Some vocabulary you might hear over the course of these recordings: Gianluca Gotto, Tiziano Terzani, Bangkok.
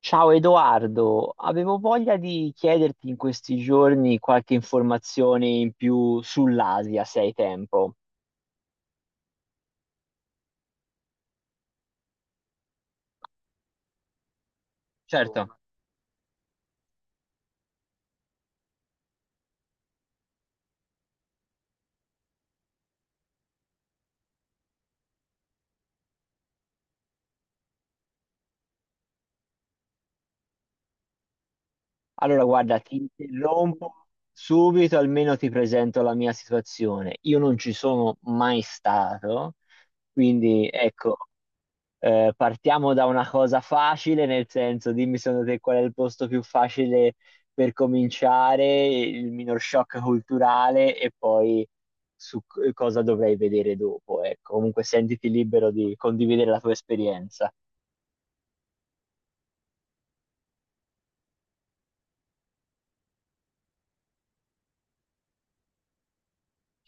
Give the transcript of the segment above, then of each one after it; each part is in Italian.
Ciao Edoardo, avevo voglia di chiederti in questi giorni qualche informazione in più sull'Asia, se hai tempo. Certo. Allora, guarda, ti interrompo subito, almeno ti presento la mia situazione. Io non ci sono mai stato, quindi ecco. Partiamo da una cosa facile, nel senso, dimmi secondo te qual è il posto più facile per cominciare, il minor shock culturale e poi su cosa dovrei vedere dopo. Ecco, comunque sentiti libero di condividere la tua esperienza.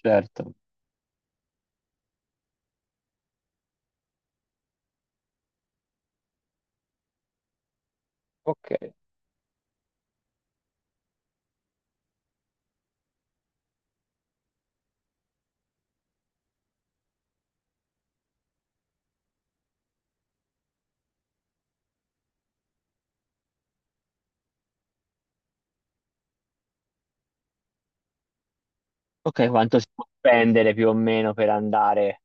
Certo, ok. Ok, quanto si può spendere più o meno per andare?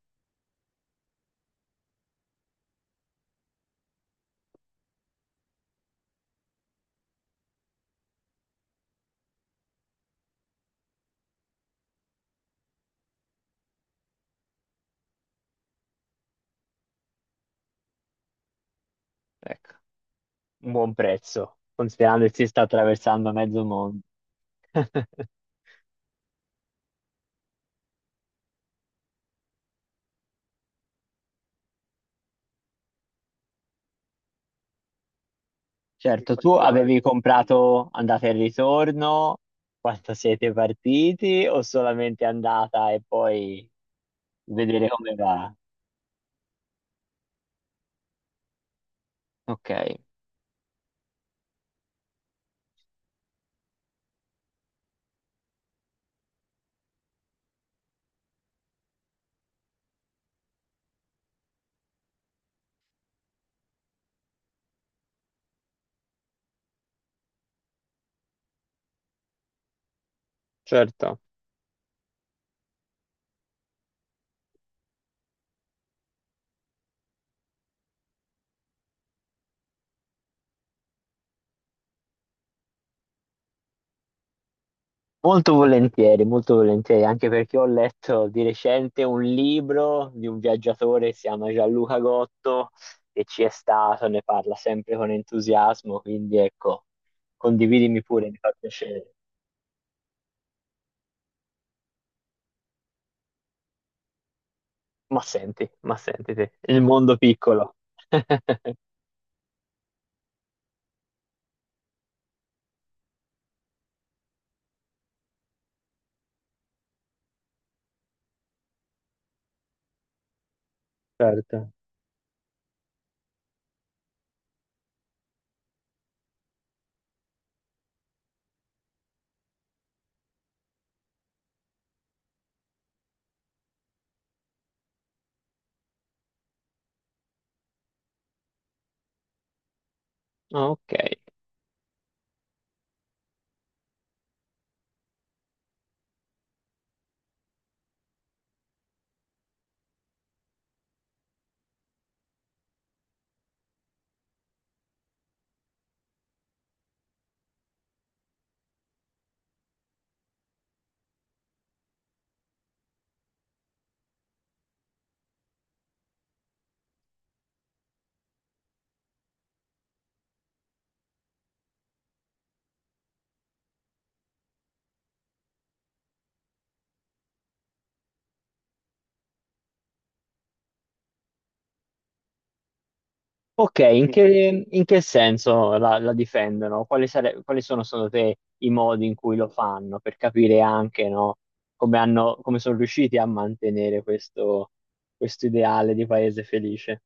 Ecco, un buon prezzo, considerando che si sta attraversando mezzo mondo. Certo, tu avevi comprato andata e ritorno quando siete partiti o solamente andata e poi vedere come va? Ok. Certo. Molto volentieri, anche perché ho letto di recente un libro di un viaggiatore che si chiama Gianluca Gotto e ci è stato, ne parla sempre con entusiasmo, quindi ecco, condividimi pure, mi fa piacere. Ma senti te, il mondo piccolo. Certo. Ah, ok. Ok, in che senso la difendono? Quali, quali sono secondo te i modi in cui lo fanno per capire anche, no, come hanno, come sono riusciti a mantenere questo, questo ideale di paese felice?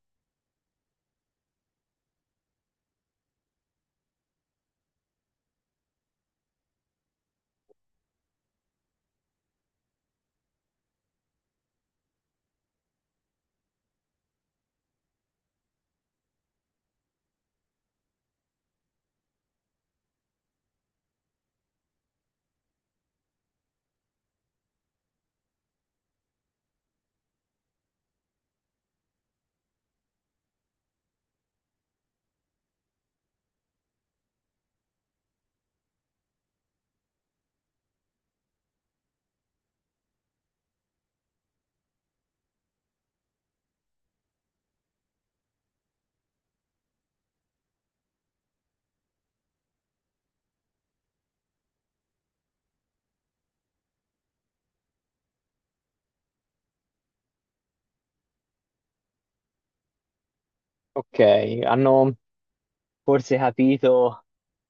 Ok, hanno forse capito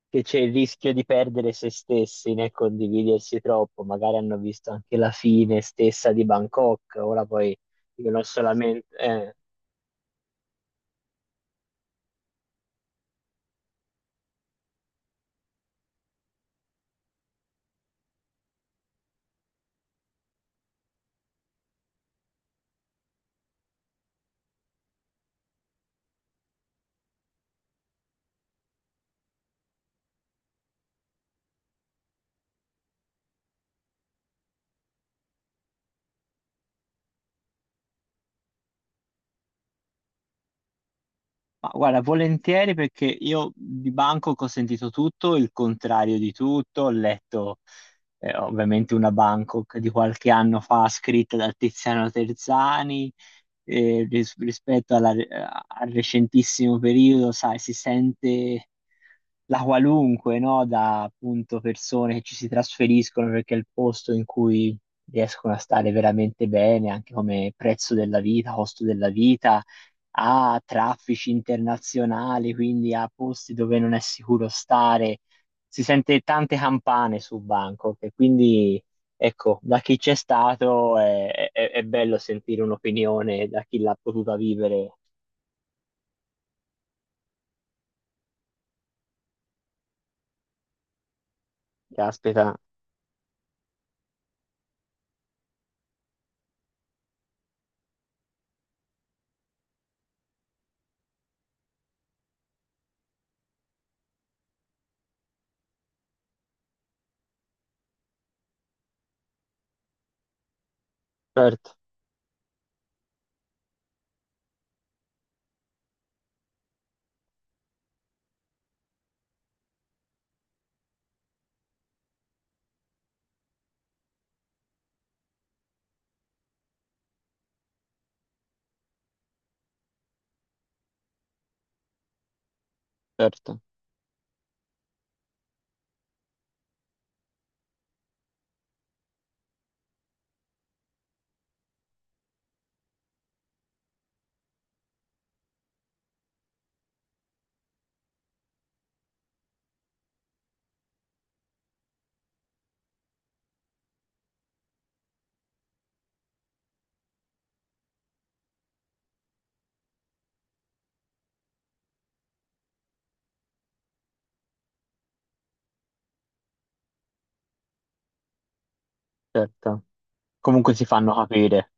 che c'è il rischio di perdere se stessi nel condividersi troppo, magari hanno visto anche la fine stessa di Bangkok, ora poi dicono solamente... eh. Ma guarda, volentieri perché io di Bangkok ho sentito tutto, il contrario di tutto, ho letto ovviamente una Bangkok di qualche anno fa scritta da Tiziano Terzani, rispetto al recentissimo periodo, sai, si sente la qualunque, no? Da appunto persone che ci si trasferiscono perché è il posto in cui riescono a stare veramente bene, anche come prezzo della vita, costo della vita a traffici internazionali, quindi a posti dove non è sicuro stare. Si sente tante campane su Bangkok e quindi, ecco, da chi c'è stato è bello sentire un'opinione da chi l'ha potuta vivere. Caspita, certo, certo, certo. Comunque si fanno capire,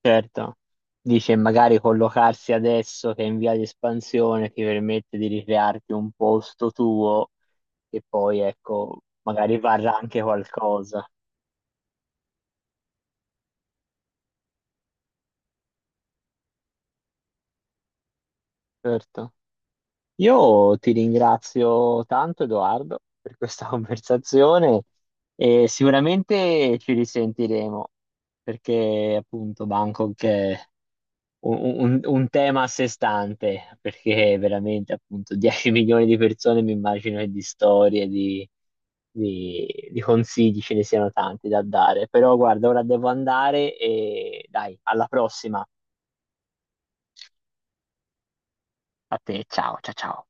certo. Dice magari collocarsi adesso che è in via di espansione ti permette di ricrearti un posto tuo e poi ecco, magari varrà anche qualcosa. Certo. Io ti ringrazio tanto, Edoardo, per questa conversazione e sicuramente ci risentiremo perché appunto Bangkok è un, un tema a sé stante, perché veramente appunto 10 milioni di persone mi immagino che di storie, di consigli ce ne siano tanti da dare. Però guarda, ora devo andare e dai, alla prossima. A te, ciao, ciao, ciao.